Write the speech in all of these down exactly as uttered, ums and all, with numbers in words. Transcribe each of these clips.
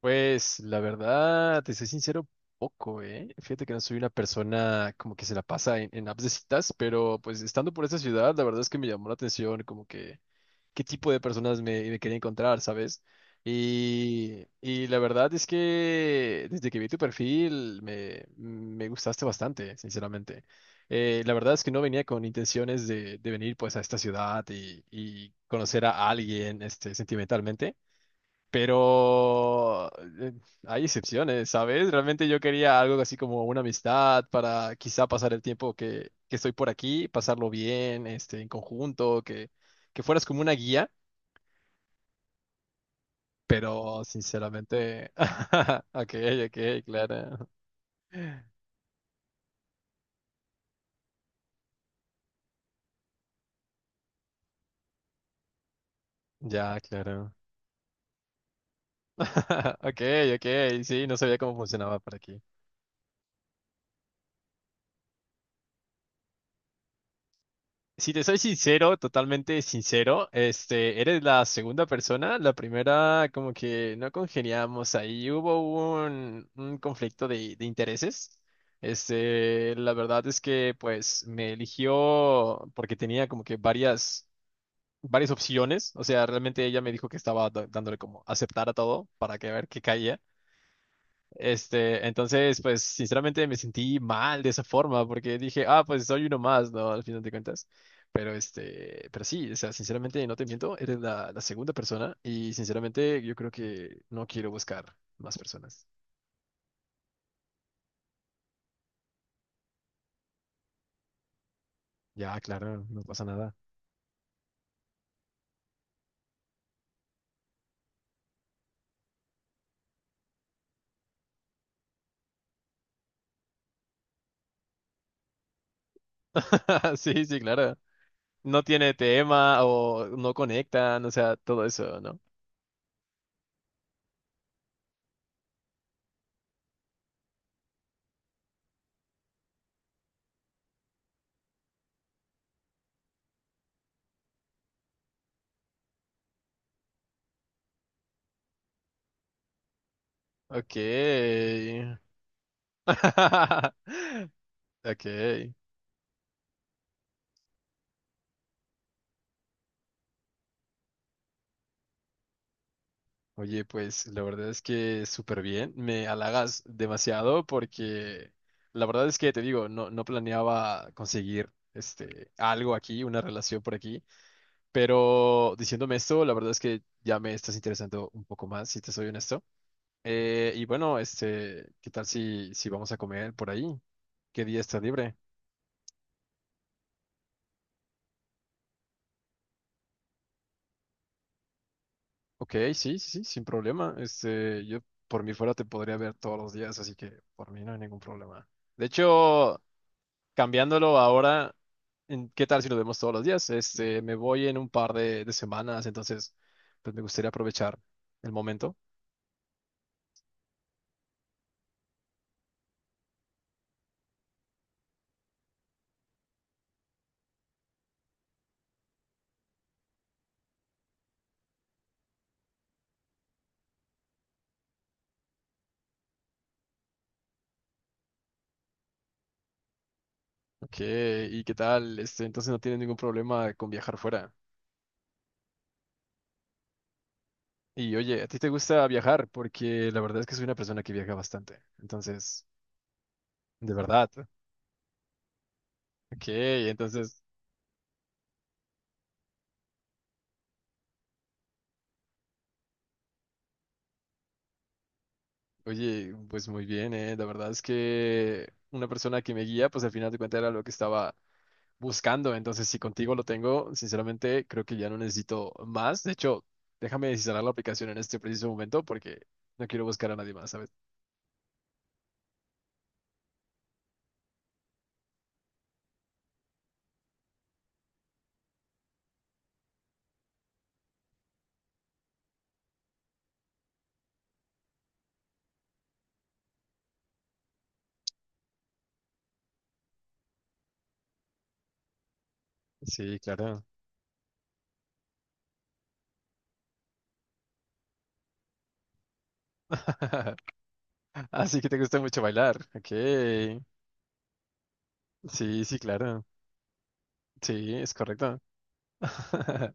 Pues la verdad, te soy sincero, poco, ¿eh? Fíjate que no soy una persona como que se la pasa en, en apps de citas, pero pues estando por esta ciudad, la verdad es que me llamó la atención como que qué tipo de personas me, me quería encontrar, ¿sabes? Y, y la verdad es que desde que vi tu perfil me, me gustaste bastante, sinceramente. Eh, la verdad es que no venía con intenciones de, de venir pues a esta ciudad y, y conocer a alguien este, sentimentalmente. Pero eh, hay excepciones, ¿sabes? Realmente yo quería algo así como una amistad para quizá pasar el tiempo que, que estoy por aquí, pasarlo bien, este, en conjunto, que, que fueras como una guía, pero sinceramente, ok, ok, claro. Ya, claro. Ok, ok, sí, no sabía cómo funcionaba por aquí. Si te soy sincero, totalmente sincero, este, eres la segunda persona, la primera como que no congeniamos ahí, hubo un, un conflicto de, de intereses. Este, la verdad es que pues me eligió porque tenía como que varias, varias opciones, o sea, realmente ella me dijo que estaba da- dándole como aceptar a todo para que a ver qué caía. Este, entonces, pues sinceramente me sentí mal de esa forma porque dije, ah, pues soy uno más, ¿no? Al final de cuentas. Pero este, pero sí, o sea, sinceramente no te miento, eres la, la segunda persona y sinceramente yo creo que no quiero buscar más personas. Ya, claro, no pasa nada. Sí, sí, claro. No tiene tema o no conectan, o sea, todo eso, ¿no? Ok. Ok. Oye, pues la verdad es que súper bien, me halagas demasiado porque la verdad es que te digo, no, no planeaba conseguir este algo aquí, una relación por aquí, pero diciéndome esto, la verdad es que ya me estás interesando un poco más, si te soy honesto. Eh, y bueno, este, ¿qué tal si, si vamos a comer por ahí? ¿Qué día está libre? Ok, sí, sí, sí, sin problema. Este, yo por mí fuera te podría ver todos los días, así que por mí no hay ningún problema. De hecho, cambiándolo ahora, en- ¿qué tal si nos vemos todos los días? Este, me voy en un par de, de semanas, entonces, pues me gustaría aprovechar el momento. Ok, ¿y qué tal? Este, entonces no tienes ningún problema con viajar fuera. Y oye, ¿a ti te gusta viajar? Porque la verdad es que soy una persona que viaja bastante. Entonces, de verdad. Ok, entonces, oye, pues muy bien, ¿eh? La verdad es que una persona que me guía, pues al final de cuentas era lo que estaba buscando. Entonces, si contigo lo tengo, sinceramente creo que ya no necesito más. De hecho, déjame desinstalar la aplicación en este preciso momento porque no quiero buscar a nadie más, ¿sabes? Sí, claro. Así que te gusta mucho bailar. Ok. Sí, sí, claro. Sí, es correcto.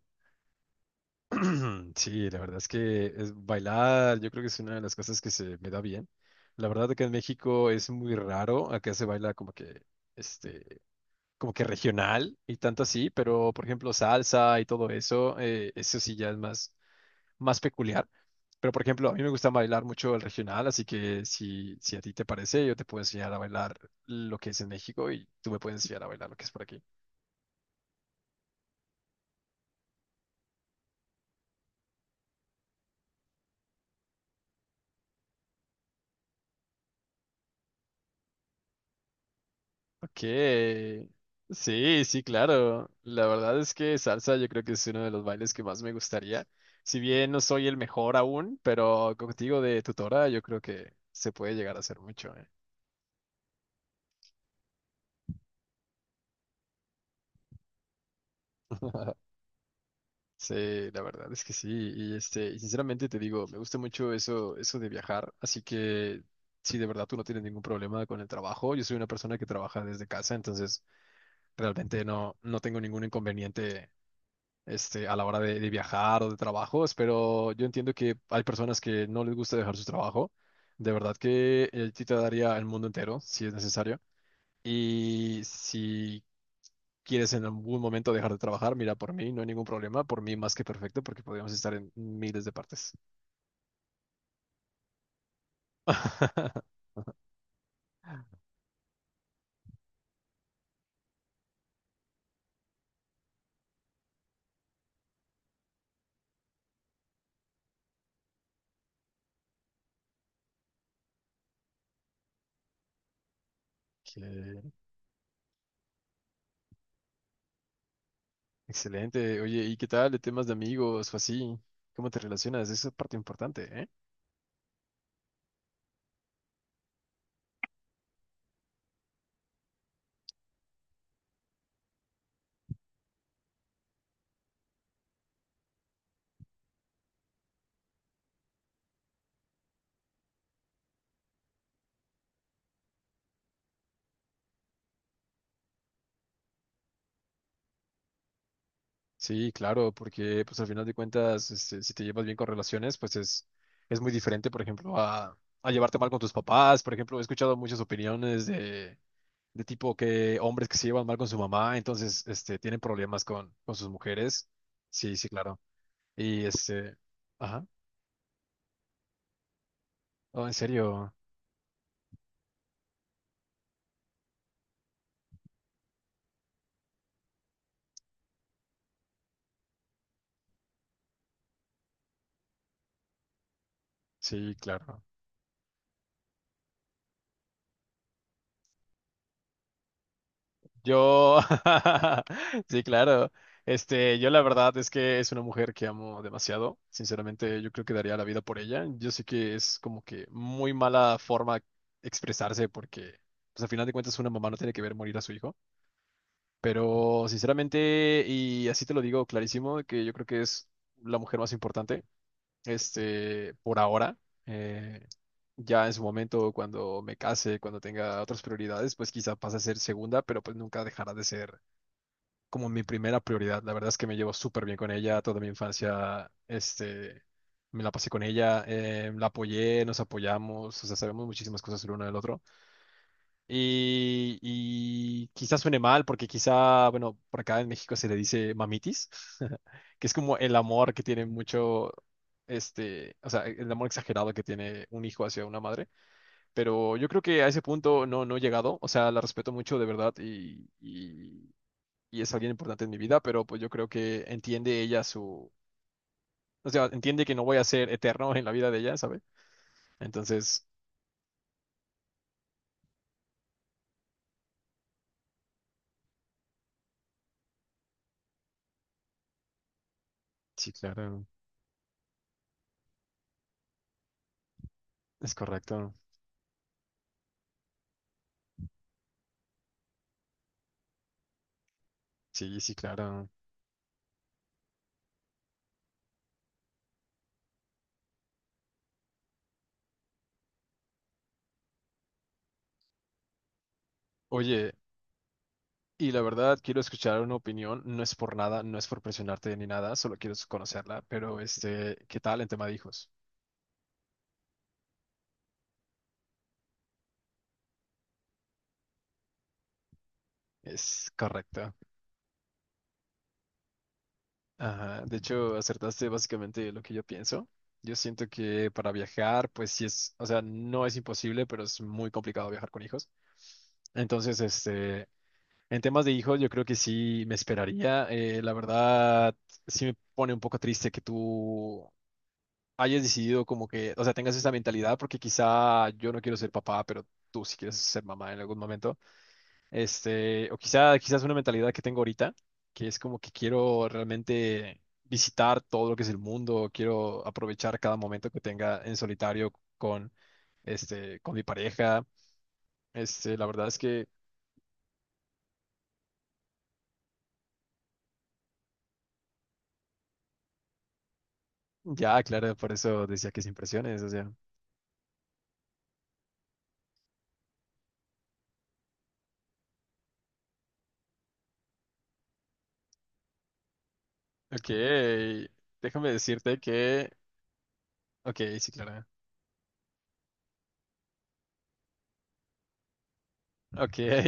Sí, la verdad es que es bailar, yo creo que es una de las cosas que se me da bien. La verdad que en México es muy raro, acá se baila como que, este, como que regional y tanto así, pero por ejemplo salsa y todo eso, eh, eso sí ya es más, más peculiar. Pero por ejemplo, a mí me gusta bailar mucho el regional, así que si, si a ti te parece, yo te puedo enseñar a bailar lo que es en México y tú me puedes enseñar a bailar lo que es por aquí. Ok. Sí, sí, claro. La verdad es que salsa yo creo que es uno de los bailes que más me gustaría. Si bien no soy el mejor aún, pero contigo de tutora yo creo que se puede llegar a hacer mucho, ¿eh? Sí, la verdad es que sí. Y este, y sinceramente te digo, me gusta mucho eso, eso de viajar. Así que si de verdad tú no tienes ningún problema con el trabajo, yo soy una persona que trabaja desde casa, entonces realmente no, no tengo ningún inconveniente, este, a la hora de, de viajar o de trabajos, pero yo entiendo que hay personas que no les gusta dejar su trabajo. De verdad que eh, a te daría el mundo entero, si es necesario. Y si quieres en algún momento dejar de trabajar, mira, por mí no hay ningún problema, por mí más que perfecto, porque podríamos estar en miles de partes. Que- Excelente. Oye, ¿y qué tal de temas de amigos o así? ¿Cómo te relacionas? Esa es parte importante, ¿eh? Sí, claro, porque pues al final de cuentas, este, si te llevas bien con relaciones, pues es, es muy diferente, por ejemplo, a, a llevarte mal con tus papás. Por ejemplo, he escuchado muchas opiniones de, de tipo que hombres que se llevan mal con su mamá, entonces este, tienen problemas con, con sus mujeres. Sí, sí, claro. Y este, ajá, oh, en serio, sí, claro. Yo, sí, claro. Este, yo la verdad es que es una mujer que amo demasiado. Sinceramente, yo creo que daría la vida por ella. Yo sé que es como que muy mala forma expresarse porque, pues al final de cuentas, una mamá no tiene que ver morir a su hijo. Pero, sinceramente, y así te lo digo clarísimo, que yo creo que es la mujer más importante, este, por ahora. Eh, Ya en su momento, cuando me case, cuando tenga otras prioridades, pues quizá pase a ser segunda, pero pues nunca dejará de ser como mi primera prioridad. La verdad es que me llevo súper bien con ella, toda mi infancia, este, me la pasé con ella, eh, la apoyé, nos apoyamos, o sea, sabemos muchísimas cosas el uno del otro. Y, y quizá suene mal, porque quizá, bueno, por acá en México se le dice mamitis, que es como el amor que tiene mucho, este, o sea, el amor exagerado que tiene un hijo hacia una madre, pero yo creo que a ese punto no, no he llegado. O sea, la respeto mucho de verdad y, y, y es alguien importante en mi vida, pero pues yo creo que entiende ella su. O sea, entiende que no voy a ser eterno en la vida de ella, ¿sabe? Entonces, sí, claro, es correcto. Sí, sí, claro. Oye, y la verdad, quiero escuchar una opinión. No es por nada, no es por presionarte ni nada, solo quiero conocerla, pero este, ¿qué tal en tema de hijos? Es correcto. Ajá, de hecho, acertaste básicamente lo que yo pienso. Yo siento que para viajar, pues sí es, o sea, no es imposible, pero es muy complicado viajar con hijos. Entonces, este, en temas de hijos, yo creo que sí me esperaría. Eh, la verdad, sí me pone un poco triste que tú hayas decidido como que, o sea, tengas esa mentalidad, porque quizá yo no quiero ser papá, pero tú sí quieres ser mamá en algún momento. Este, o quizá, quizás una mentalidad que tengo ahorita, que es como que quiero realmente visitar todo lo que es el mundo, quiero aprovechar cada momento que tenga en solitario con, este, con mi pareja. Este, la verdad es que ya, claro, por eso decía que sin presiones, o sea. Ok, déjame decirte que, ok, sí, claro. Ok,